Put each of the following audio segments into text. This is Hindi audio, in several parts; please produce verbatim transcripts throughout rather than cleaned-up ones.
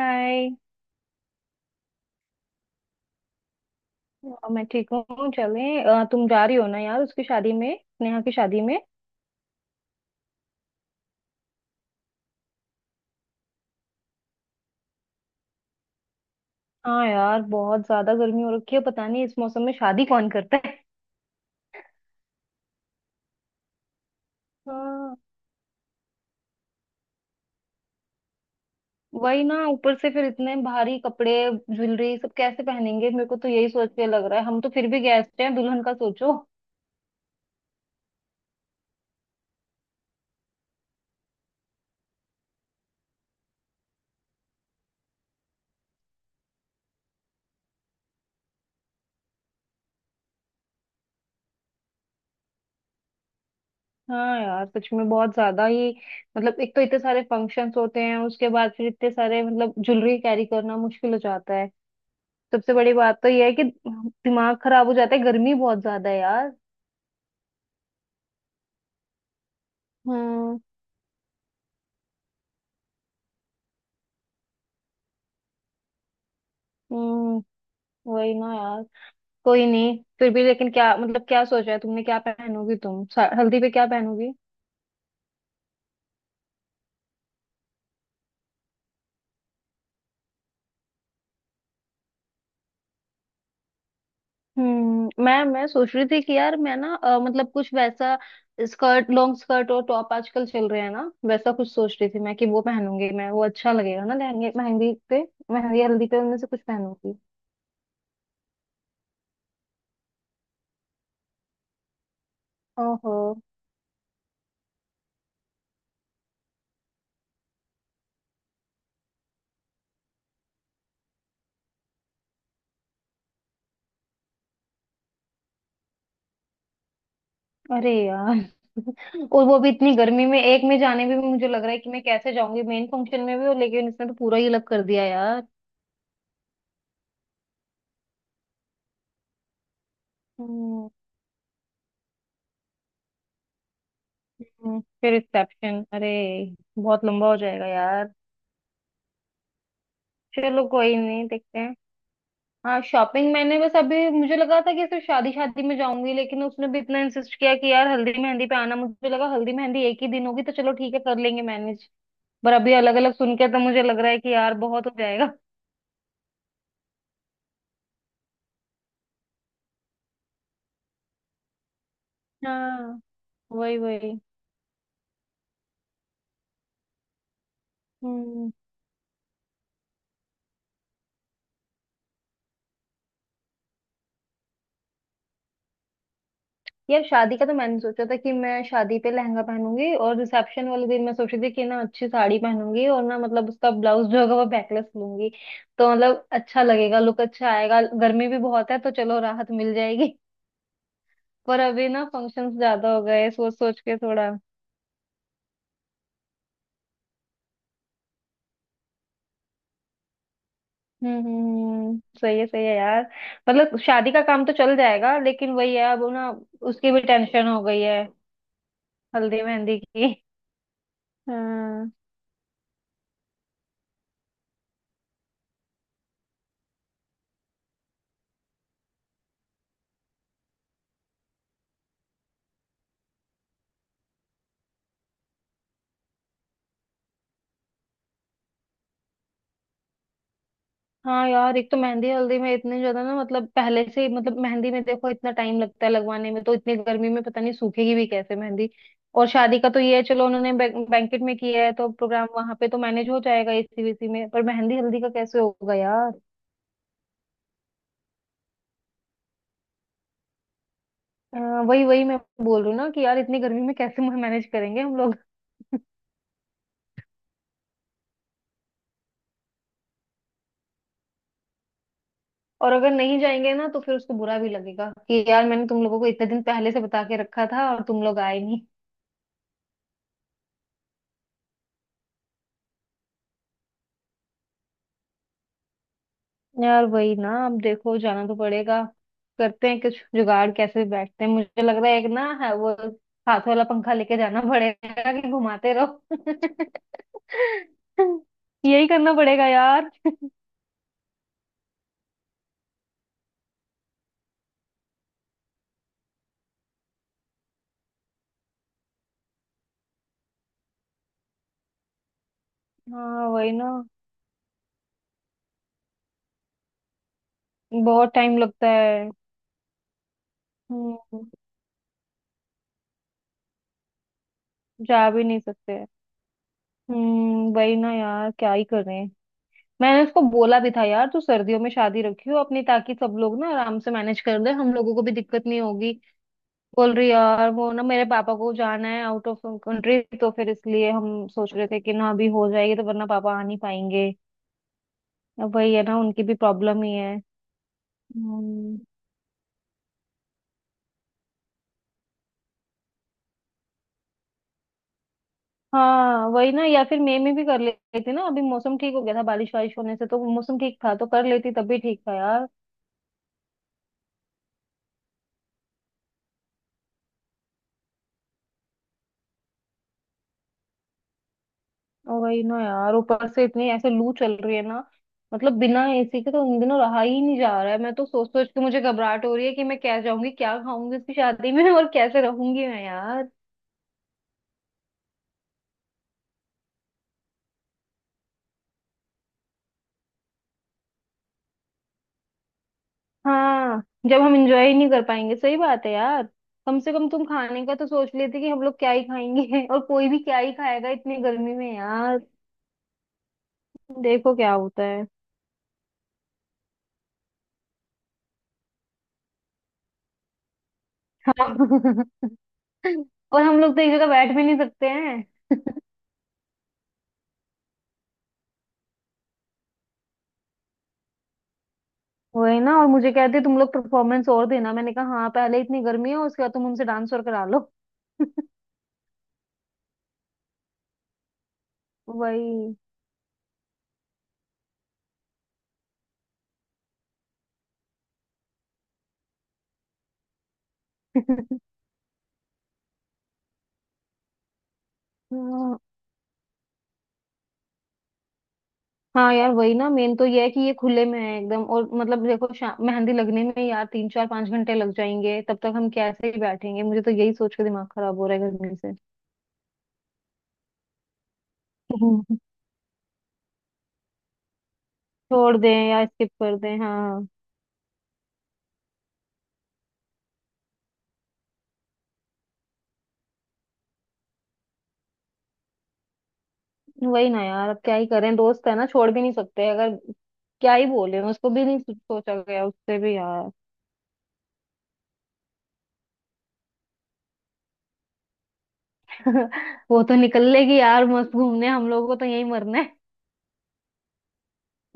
हाय। अ, मैं ठीक हूँ। चलें अ, तुम जा रही हो ना यार, उसकी शादी में, नेहा की शादी में। हाँ यार, बहुत ज्यादा गर्मी हो रखी है। पता नहीं इस मौसम में शादी कौन करता है। हाँ, वही ना, ऊपर से फिर इतने भारी कपड़े ज्वेलरी सब कैसे पहनेंगे। मेरे को तो यही सोच के लग रहा है, हम तो फिर भी गेस्ट हैं, दुल्हन का सोचो। हाँ यार, सच में बहुत ज्यादा ही। मतलब एक तो इतने सारे फंक्शंस होते हैं, उसके बाद फिर इतने सारे मतलब ज्वेलरी कैरी करना मुश्किल हो जाता है। सबसे बड़ी बात तो यह है कि दिमाग खराब हो जाता है, गर्मी बहुत ज्यादा है यार। हम्म। हम्म, वही ना यार। कोई नहीं, फिर भी लेकिन क्या, मतलब क्या सोचा है तुमने, क्या पहनोगी तुम सा- हल्दी पे क्या पहनोगी। हम्म, मैं मैं सोच रही थी कि यार मैं ना अ, मतलब कुछ वैसा स्कर्ट, लॉन्ग स्कर्ट और टॉप आजकल चल रहे हैं ना, वैसा कुछ सोच रही थी मैं कि वो पहनूंगी मैं, वो अच्छा लगेगा ना लहंगे मेहंदी पे। मेहंदी हल्दी पे उनमें से कुछ पहनूंगी। ओहो। अरे यार, और वो भी इतनी गर्मी में, एक में जाने में भी मुझे लग रहा है कि मैं कैसे जाऊंगी मेन फंक्शन में भी, और लेकिन इसने तो पूरा ही अलग कर दिया यार। हम्म, हम्म, फिर रिसेप्शन, अरे बहुत लंबा हो जाएगा यार। चलो कोई नहीं, देखते हैं। हाँ शॉपिंग मैंने बस, अभी मुझे लगा था कि सिर्फ शादी, शादी में जाऊंगी, लेकिन उसने भी इतना इंसिस्ट किया कि यार हल्दी मेहंदी पे आना। मुझे लगा हल्दी मेहंदी एक ही दिन होगी तो चलो ठीक है, कर लेंगे मैनेज। पर अभी अलग अलग सुन के तो मुझे लग रहा है कि यार बहुत हो जाएगा। हाँ, वही वही। हम्म, यार शादी का तो मैंने सोचा था कि मैं शादी पे लहंगा पहनूंगी और रिसेप्शन वाले दिन मैं सोच रही थी कि ना अच्छी साड़ी पहनूंगी और ना मतलब उसका ब्लाउज जो होगा वो बैकलेस लूंगी। तो मतलब अच्छा लगेगा, लुक अच्छा आएगा, गर्मी भी बहुत है तो चलो राहत मिल जाएगी। पर अभी ना फंक्शंस ज्यादा हो गए, सोच सोच के थोड़ा। हम्म। हम्म, हम्म, सही है सही है यार। मतलब शादी का काम तो चल जाएगा, लेकिन वही है अब ना, उसकी भी टेंशन हो गई है, हल्दी मेहंदी की। हाँ, हाँ यार, एक तो मेहंदी हल्दी में इतने ज्यादा ना, मतलब पहले से ही मतलब, मेहंदी में देखो इतना टाइम लगता है लगवाने में, तो इतनी गर्मी में पता नहीं सूखेगी भी कैसे मेहंदी। और शादी का तो ये है, चलो उन्होंने बैंकेट में किया है तो प्रोग्राम वहां पे तो मैनेज हो जाएगा एसी वीसी में, पर मेहंदी हल्दी का कैसे होगा यार। अ, वही वही मैं बोल रही हूँ ना कि यार इतनी गर्मी में कैसे मैनेज करेंगे हम लोग। और अगर नहीं जाएंगे ना तो फिर उसको बुरा भी लगेगा कि यार, मैंने तुम लोगों को इतने दिन पहले से बता के रखा था और तुम लोग आए नहीं। यार वही ना, अब देखो जाना तो पड़ेगा। करते हैं कुछ जुगाड़, कैसे बैठते हैं। मुझे लग रहा है एक ना है वो हाथ वाला पंखा लेके जाना पड़ेगा कि घुमाते रहो। यही करना पड़ेगा यार। हाँ वही ना। बहुत टाइम लगता है। हम्म, जा भी नहीं सकते। हम्म, वही ना यार, क्या ही करें। मैंने उसको बोला भी था यार, तू सर्दियों में शादी रखियो अपनी, ताकि सब लोग ना आराम से मैनेज कर ले, हम लोगों को भी दिक्कत नहीं होगी। बोल रही यार वो ना मेरे पापा को जाना है आउट ऑफ कंट्री, तो फिर इसलिए हम सोच रहे थे कि ना अभी हो जाएगी तो, वरना पापा आ नहीं पाएंगे। अब वही है ना, उनकी भी प्रॉब्लम ही है। हम्म, हाँ वही ना, या फिर मई में भी कर लेती ना, अभी मौसम ठीक हो गया था, बारिश वारिश होने से तो मौसम ठीक था, तो कर लेती तब भी ठीक था यार। और वही ना यार, ऊपर से इतनी ऐसे लू चल रही है ना। मतलब बिना एसी के तो उन दिनों रहा ही नहीं जा रहा है। मैं तो सोच सोच के मुझे घबराहट हो रही है कि मैं क्या जाऊंगी, क्या खाऊंगी इसकी शादी में और कैसे रहूंगी मैं। हाँ, जब हम एंजॉय ही नहीं कर पाएंगे, सही बात है यार। कम से कम तुम खाने का तो सोच लेते कि हम लोग क्या ही खाएंगे, और कोई भी क्या ही खाएगा इतनी गर्मी में यार। देखो क्या होता है। हाँ। और हम लोग तो एक जगह बैठ भी नहीं सकते हैं। वही ना, और मुझे कहते तुम लोग परफॉर्मेंस और देना। मैंने कहा हाँ, पहले इतनी गर्मी है, उसके बाद तुम हमसे डांस और करा लो। वही। हाँ, हाँ यार वही ना, मेन तो ये है कि ये खुले में है एकदम, और मतलब देखो शा- मेहंदी लगने में यार तीन चार पांच घंटे लग जाएंगे, तब तक हम कैसे ही बैठेंगे। मुझे तो यही सोच के दिमाग खराब हो रहा है गर्मी से। हम्म। छोड़ दें या स्किप कर दें, हाँ। वही ना यार, अब क्या ही करें, दोस्त है ना, छोड़ भी नहीं सकते अगर। क्या ही बोले, उसको भी नहीं सो- सोचा गया उससे भी यार। वो तो निकल लेगी यार मस्त घूमने, हम लोगों को तो यहीं मरना है।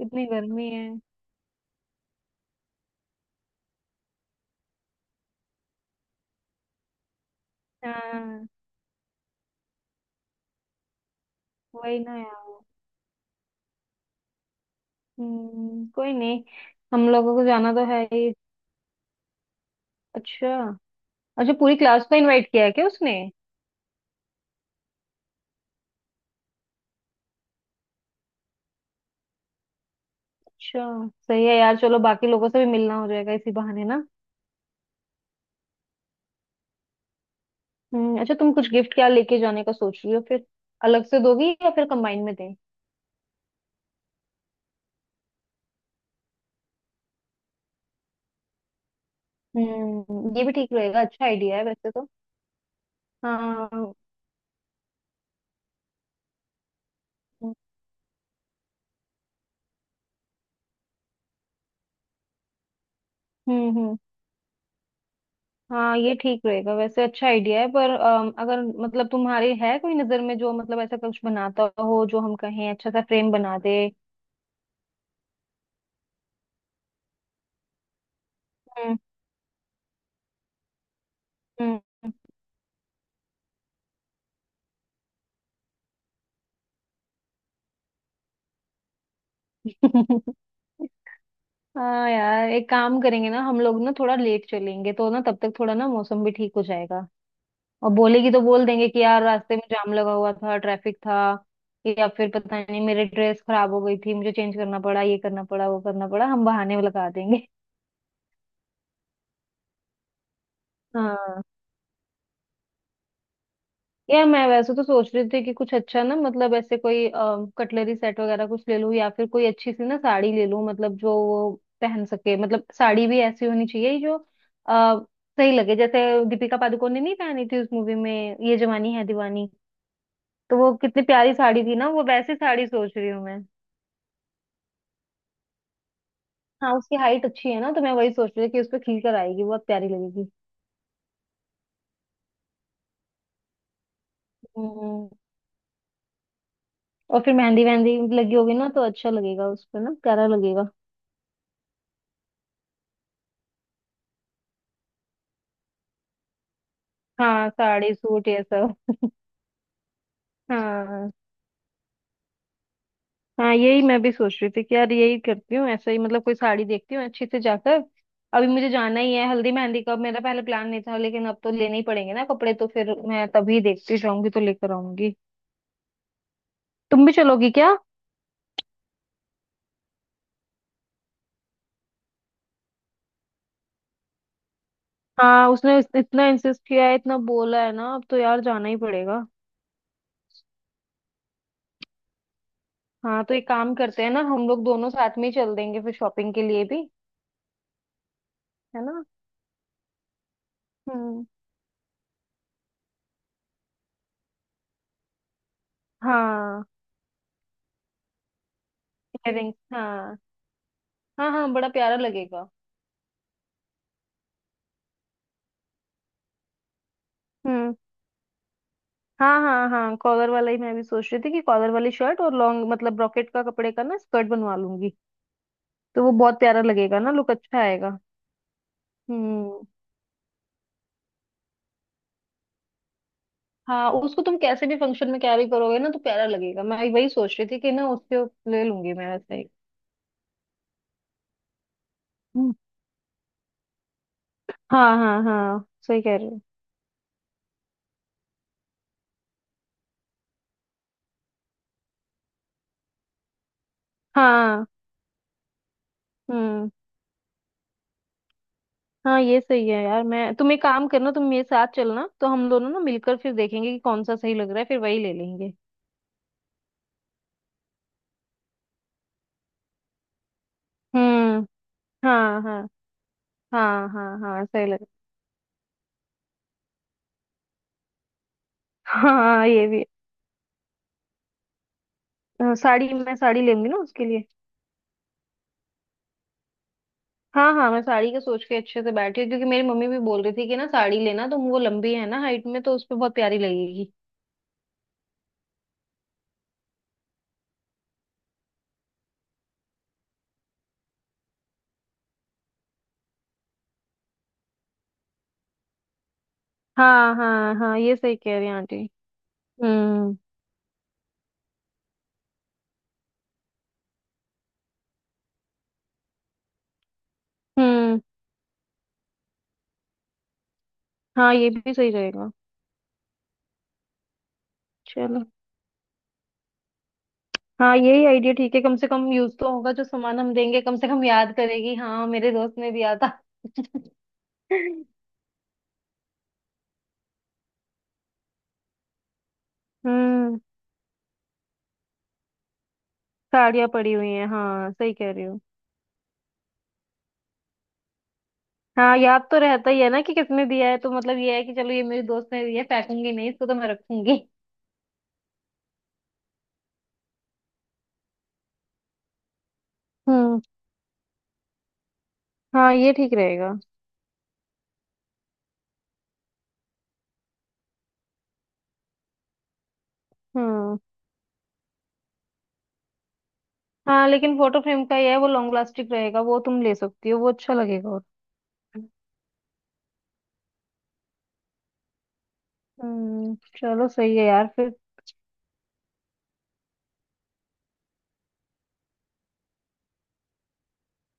इतनी गर्मी है। हाँ वही ना यार। हम्म, कोई नहीं। हम लोगों को जाना तो है ही। अच्छा। अच्छा, पूरी क्लास को इनवाइट किया है क्या उसने। अच्छा, सही है यार, चलो बाकी लोगों से भी मिलना हो जाएगा इसी बहाने ना। हम्म, अच्छा तुम कुछ गिफ्ट क्या लेके जाने का सोच रही हो फिर। अलग से दोगी या फिर कंबाइन में दें। हम्म, ये भी ठीक रहेगा, अच्छा आइडिया है वैसे तो। हाँ। हम्म। हम्म। हाँ ये ठीक रहेगा, वैसे अच्छा आइडिया है, पर अम, अगर मतलब तुम्हारे है कोई नजर में जो मतलब ऐसा कुछ बनाता हो जो हम कहें अच्छा सा फ्रेम बना दे। हम्म। हम्म। हाँ यार, एक काम करेंगे ना हम लोग, ना थोड़ा लेट चलेंगे तो ना, तब तक थोड़ा ना मौसम भी ठीक हो जाएगा। और बोलेगी तो बोल देंगे कि यार रास्ते में जाम लगा हुआ था, ट्रैफिक था, या फिर पता नहीं मेरी ड्रेस खराब हो गई थी, मुझे चेंज करना पड़ा, ये करना पड़ा, वो करना पड़ा, हम बहाने लगा देंगे। हाँ यार, मैं वैसे तो सोच रही थी कि कुछ अच्छा ना, मतलब ऐसे कोई कटलरी सेट वगैरह कुछ ले लूं, या फिर कोई अच्छी सी ना साड़ी ले लूं, मतलब जो वो पहन सके, मतलब साड़ी भी ऐसी होनी चाहिए जो आ, सही लगे, जैसे दीपिका पादुकोण ने नहीं पहनी थी उस मूवी में, ये जवानी है दीवानी। तो वो कितनी प्यारी साड़ी थी ना, वो वैसी साड़ी सोच रही हूँ मैं। हाँ उसकी हाइट अच्छी है ना, तो मैं वही सोच रही थी कि उस पर खिल कर आएगी, बहुत प्यारी लगेगी। हम्म। और फिर मेहंदी वहंदी लगी होगी ना तो अच्छा लगेगा उस पर ना, प्यारा लगेगा। हाँ साड़ी सूट ये सब। हाँ हाँ यही मैं भी सोच रही थी कि यार यही करती हूँ, ऐसा ही मतलब कोई साड़ी देखती हूँ अच्छी से जाकर। अभी मुझे जाना ही है हल्दी मेहंदी का, मेरा पहले प्लान नहीं था, लेकिन अब तो लेने ही पड़ेंगे ना कपड़े, तो फिर मैं तभी देखती जाऊंगी तो लेकर आऊंगी। तुम भी चलोगी क्या। हाँ उसने इस- इतना इंसिस्ट किया है, इतना बोला है ना, अब तो यार जाना ही पड़ेगा। हाँ तो एक काम करते हैं ना, हम लोग दोनों साथ में ही चल देंगे फिर शॉपिंग के लिए भी। है ना। हम्म। हाँ, इयररिंग्स हाँ। हाँ हाँ बड़ा प्यारा लगेगा। हम्म। हाँ हाँ हाँ, कॉलर वाला ही मैं भी सोच रही थी, कि कॉलर वाली शर्ट और लॉन्ग मतलब ब्रॉकेट का कपड़े का ना स्कर्ट बनवा लूंगी। तो वो बहुत प्यारा लगेगा ना, लुक अच्छा आएगा। हम्म। हाँ, उसको तुम कैसे भी फंक्शन में कैरी करोगे ना तो प्यारा लगेगा, मैं वही सोच रही थी कि ना उसके। ले लूंगी मैं वैसे ही। हम्म, हाँ हाँ हाँ सही कह रहे हो। हाँ। हम्म। हाँ ये सही है यार, मैं तुम एक काम करना, तुम मेरे साथ चलना, तो हम दोनों ना मिलकर फिर देखेंगे कि कौन सा सही लग रहा है, फिर वही ले लेंगे। हम्म। हाँ हाँ हाँ। हाँ हाँ, सही लग हाँ ये भी है। अ, साड़ी, मैं साड़ी लूंगी ना उसके लिए। हाँ हाँ, मैं साड़ी का सोच के अच्छे से बैठी हूँ, क्योंकि मेरी मम्मी भी बोल रही थी कि ना साड़ी लेना, तो वो लंबी है ना हाइट में, तो उस पे बहुत प्यारी लगेगी। हाँ हाँ हाँ, ये सही कह रही हैं आंटी। हम्म। हम्म। हाँ ये भी सही रहेगा। चलो। हाँ यही आइडिया ठीक है, कम से कम यूज तो होगा जो सामान हम देंगे, कम से कम याद करेगी हाँ मेरे दोस्त ने दिया था। हम्म। साड़ियाँ पड़ी हुई हैं, हाँ सही कह रही हो। हाँ याद तो रहता ही है ना कि किसने दिया है, तो मतलब ये है कि चलो ये मेरी दोस्त ने दिया है, फेंकूंगी नहीं इसको, तो मैं रखूंगी। हम्म। हाँ ये ठीक रहेगा। हम्म। हाँ लेकिन फोटो फ्रेम का ये है, वो लॉन्ग लास्टिक रहेगा, वो तुम ले सकती हो, वो अच्छा लगेगा और। हम्म। चलो सही है यार फिर।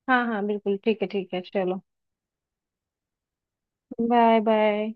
हाँ हाँ, बिल्कुल ठीक है, ठीक है चलो। Bye bye.